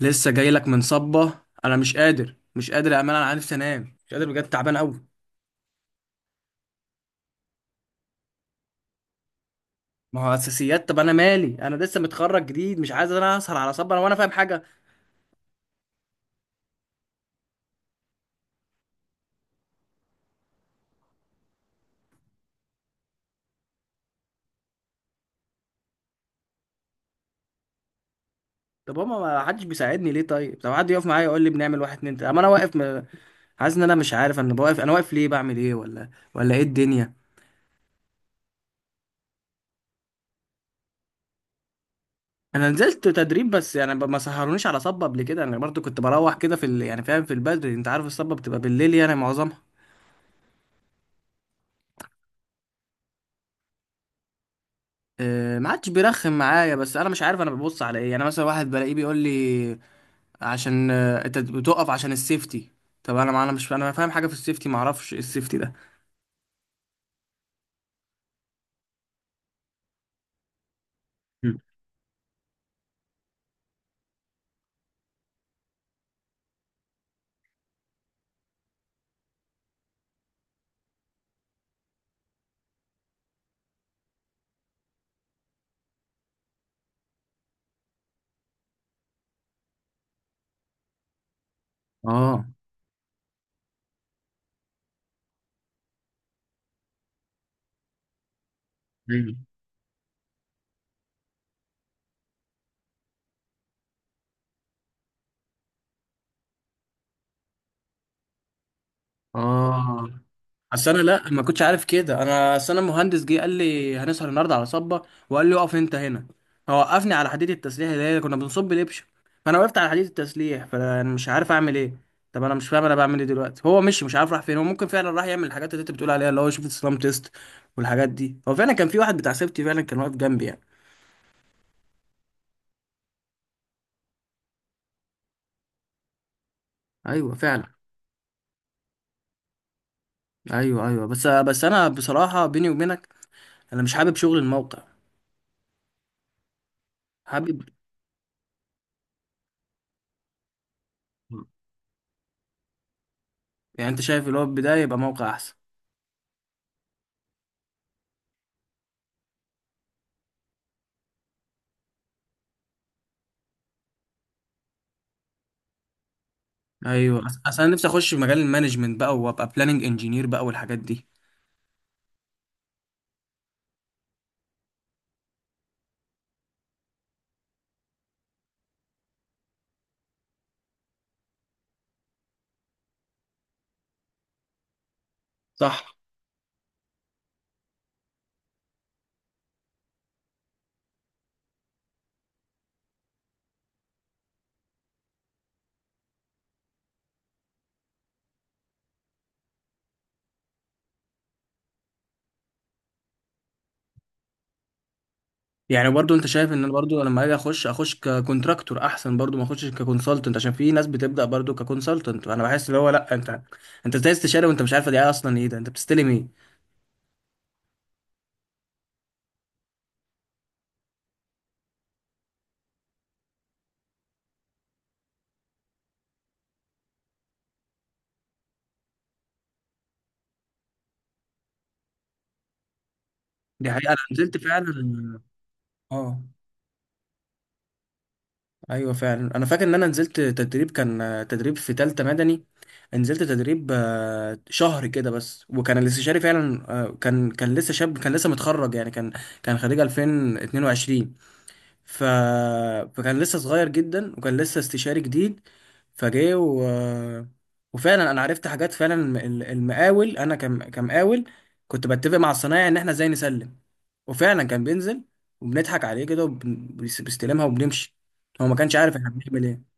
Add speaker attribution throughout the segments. Speaker 1: لسه جاي لك من صبة. انا مش قادر مش قادر يا امال، انا عارف انام، مش قادر بجد، تعبان قوي. ما هو اساسيات، طب انا مالي، انا لسه متخرج جديد مش عايز انا اسهر على صبة انا وانا فاهم حاجه. طب هما ما حدش بيساعدني ليه؟ طيب طب حد يقف معايا يقول لي بنعمل واحد اتنين تلاته، اما انا واقف حاسس ان انا مش عارف، انا واقف، انا واقف ليه؟ بعمل ايه؟ ولا ايه الدنيا؟ انا نزلت تدريب بس يعني ما سهرونيش على صبة قبل كده، انا برضو كنت بروح كده في يعني فاهم، في البدري، انت عارف الصبة بتبقى بالليل يعني معظمها. ما عادش بيرخم معايا، بس انا مش عارف انا ببص على ايه. يعني مثلا واحد بلاقيه بيقول لي: عشان انت بتقف عشان السيفتي. طب انا ما انا مش انا فاهم حاجه في السيفتي، ما اعرفش ايه السيفتي ده. مم. اه. أيوة. اه. اصل انا لا ما كنتش عارف كده. انا اصل انا مهندس جه قال لي هنسهر النهارده على صبه، وقال لي اقف انت هنا، فوقفني على حديد التسليح اللي هي كنا بنصب الابشه. فانا وقفت على حديد التسليح، فانا يعني مش عارف اعمل ايه. طب انا مش فاهم انا بعمل ايه دلوقتي؟ هو مش عارف راح فين. هو ممكن فعلا راح يعمل الحاجات اللي انت بتقول عليها، اللي هو يشوف السلام تيست والحاجات دي. هو فعلا كان في واحد بتاع سيفتي، فعلا كان واقف جنبي يعني. ايوه فعلا. ايوه ايوه، بس بس انا بصراحه بيني وبينك انا مش حابب شغل الموقع. حابب. يعني انت شايف اللي هو البدايه يبقى موقع احسن؟ ايوه. اصل انا نفسي اخش في مجال المانجمنت بقى وابقى بلاننج انجينير بقى والحاجات دي. صح. يعني برضو انت شايف ان انا برضو لما اجي اخش اخش ككونتراكتور احسن؟ برضو ما اخشش ككونسلتنت عشان في ناس بتبدا برضو ككونسلتنت. انا بحس اللي هو لا، انت انت ازاي استشاره وانت مش عارفه دي اصلا ايه؟ ده انت بتستلم ايه؟ دي حقيقه، انا نزلت فعلا. اه. ايوه فعلا، انا فاكر ان انا نزلت تدريب كان تدريب في تالتة مدني، نزلت تدريب شهر كده بس، وكان الاستشاري فعلا كان لسه شاب، كان لسه متخرج يعني، كان كان خريج 2022. ف... فكان لسه صغير جدا وكان لسه استشاري جديد. فجاي و... وفعلا انا عرفت حاجات فعلا. المقاول، انا كمقاول كنت بتفق مع الصنايعي ان احنا ازاي نسلم، وفعلا كان بينزل وبنضحك عليه كده، بيستلمها وبنمشي، هو ما كانش عارف احنا بنعمل ايه.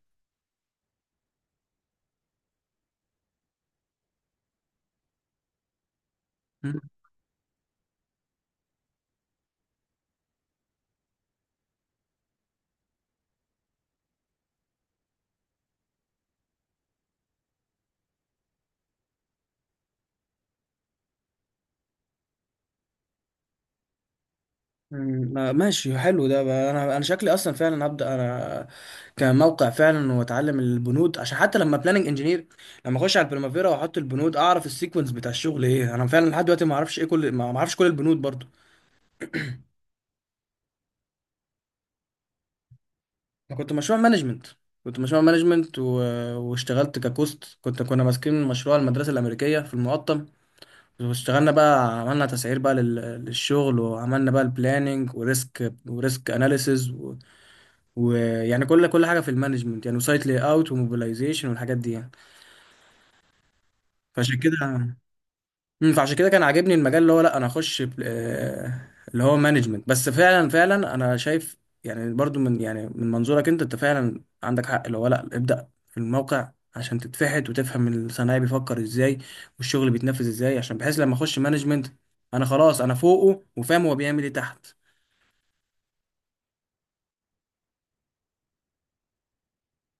Speaker 1: ماشي، حلو ده بقى. انا شكلي اصلا فعلا هبدا انا كموقع فعلا، واتعلم البنود، عشان حتى لما بلاننج انجينير، لما اخش على البريمافيرا واحط البنود اعرف السيكونس بتاع الشغل ايه. انا فعلا لحد دلوقتي ما اعرفش ايه كل ما اعرفش كل البنود برضو. انا كنت مشروع مانجمنت، كنت مشروع مانجمنت واشتغلت ككوست. كنت كنا ماسكين مشروع المدرسه الامريكيه في المقطم، واشتغلنا بقى، عملنا تسعير بقى للشغل، وعملنا بقى البلاننج وريسك وريسك اناليسز. ويعني كل حاجه في المانجمنت يعني، وسايت لاي اوت وموبيلايزيشن والحاجات دي يعني. فعشان كده، فعشان كده كان عاجبني المجال اللي هو لا، انا اخش اللي هو مانجمنت بس. فعلا فعلا انا شايف يعني، برضو من يعني من منظورك انت، انت فعلا عندك حق اللي هو لا، ابدا في الموقع عشان تتفحت وتفهم الصنايعي بيفكر ازاي والشغل بيتنفذ ازاي، عشان بحيث لما اخش مانجمنت انا خلاص انا فوقه وفاهم هو بيعمل ايه تحت.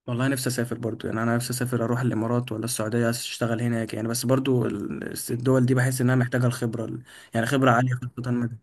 Speaker 1: والله نفسي اسافر برضو. يعني انا نفسي اسافر اروح الامارات ولا السعوديه اشتغل هناك يعني، بس برضو الدول دي بحس انها محتاجه يعني خبره عاليه خاصه مدى.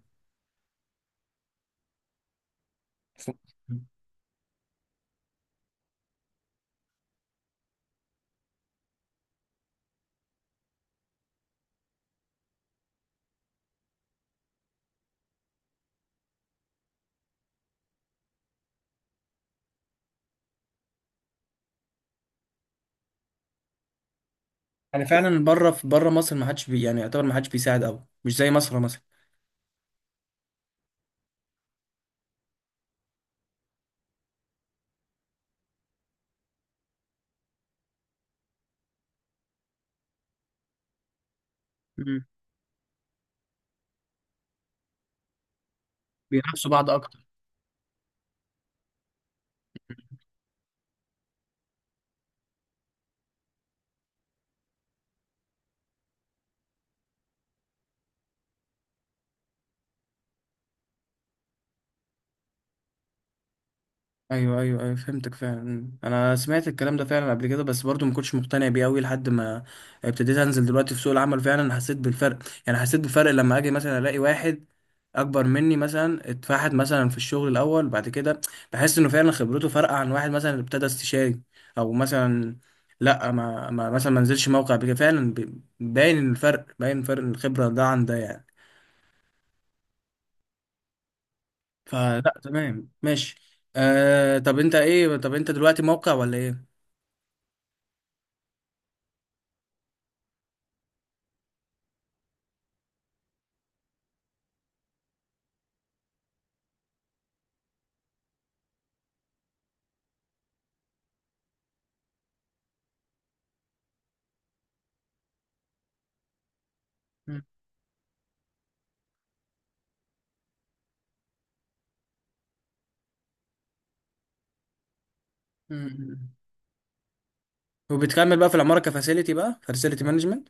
Speaker 1: يعني فعلا بره، في بره مصر ما حدش بي، يعني يعتبر ما حدش بيساعد قوي مش زي مصر مثلا. مم. بينافسوا بعض اكتر. ايوه ايوه ايوه، فهمتك فعلا. انا سمعت الكلام ده فعلا قبل كده بس برضو ما كنتش مقتنع بيه قوي، لحد ما ابتديت انزل دلوقتي في سوق العمل فعلا حسيت بالفرق. يعني حسيت بفرق لما اجي مثلا الاقي واحد اكبر مني مثلا اتفحت مثلا في الشغل الاول، بعد كده بحس انه فعلا خبرته فرق عن واحد مثلا ابتدى استشاري، او مثلا لا ما مثلا ما نزلش موقع. بكده فعلا باين الفرق، باين فرق الخبرة ده عن ده يعني. فلا تمام، ماشي. آه، طب انت ايه؟ طب انت دلوقتي موقع ولا ايه؟ مم. وبتكمل بقى في العمارة كفاسيلتي بقى، فاسيلتي مانجمنت.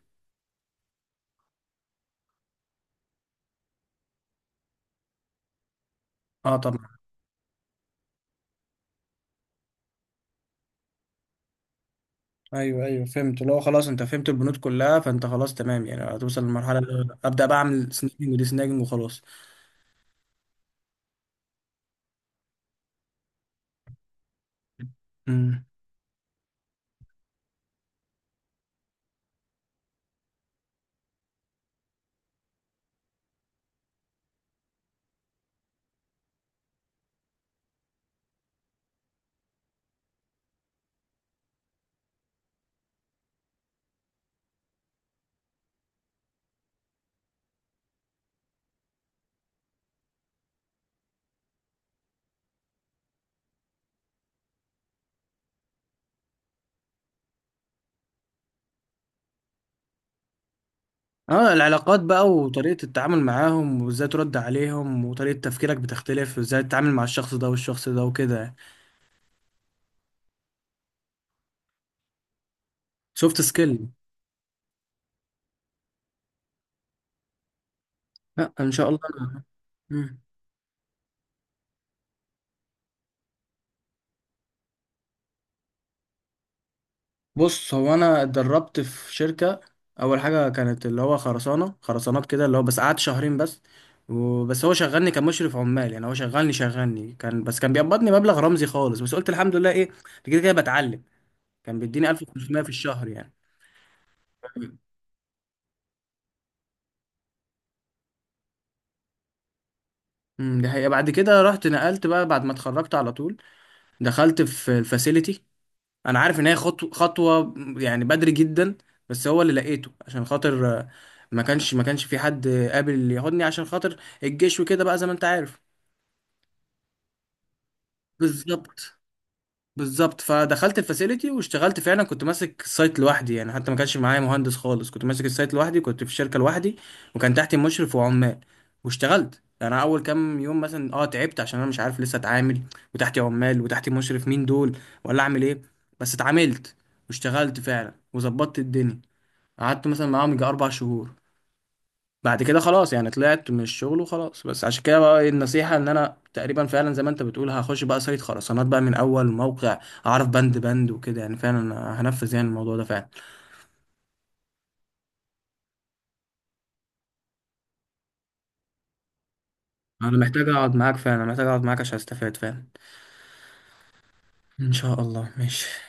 Speaker 1: اه طبعا. ايوه ايوه فهمت، اللي هو خلاص انت فهمت البنود كلها، فانت خلاص تمام يعني، هتوصل للمرحلة اللي ابدا بقى اعمل سناجنج ودي سناجنج وخلاص. مم. اه، العلاقات بقى وطريقة التعامل معاهم وازاي ترد عليهم، وطريقة تفكيرك بتختلف وازاي تتعامل مع الشخص ده والشخص ده وكده. سوفت سكيل. لا ان شاء الله. بص، هو انا اتدربت في شركه اول حاجه، كانت اللي هو خرسانه، خرسانات كده، اللي هو بس قعدت شهرين بس. وبس هو شغلني كمشرف عمال يعني. هو شغلني كان بس كان بيقبضني مبلغ رمزي خالص، بس قلت الحمد لله ايه، كده كده بتعلم. كان بيديني 1500 في الشهر يعني. امم، دي حقيقه. بعد كده رحت نقلت بقى، بعد ما اتخرجت على طول دخلت في الفاسيلتي. انا عارف ان هي خطوه خطوه يعني بدري جدا، بس هو اللي لقيته عشان خاطر ما كانش في حد قابل ياخدني عشان خاطر الجيش وكده بقى زي ما انت عارف. بالظبط، بالظبط. فدخلت الفاسيلتي واشتغلت فعلا، كنت ماسك السايت لوحدي يعني، حتى ما كانش معايا مهندس خالص، كنت ماسك السايت لوحدي، كنت في الشركه لوحدي، وكان تحتي مشرف وعمال. واشتغلت يعني. انا اول كام يوم مثلا اه تعبت عشان انا مش عارف لسه اتعامل، وتحتي عمال وتحتي مشرف، مين دول ولا اعمل ايه. بس اتعاملت واشتغلت فعلا وظبطت الدنيا. قعدت مثلا معاهم يجي 4 شهور، بعد كده خلاص يعني طلعت من الشغل وخلاص. بس عشان كده بقى إيه النصيحة، ان انا تقريبا فعلا زي ما انت بتقول هخش بقى سايت خرسانات بقى من اول موقع، اعرف بند بند وكده يعني. فعلا أنا هنفذ يعني الموضوع ده فعلا. انا محتاج اقعد معاك فعلا، محتاج اقعد معاك عشان استفاد فعلا. ان شاء الله، ماشي.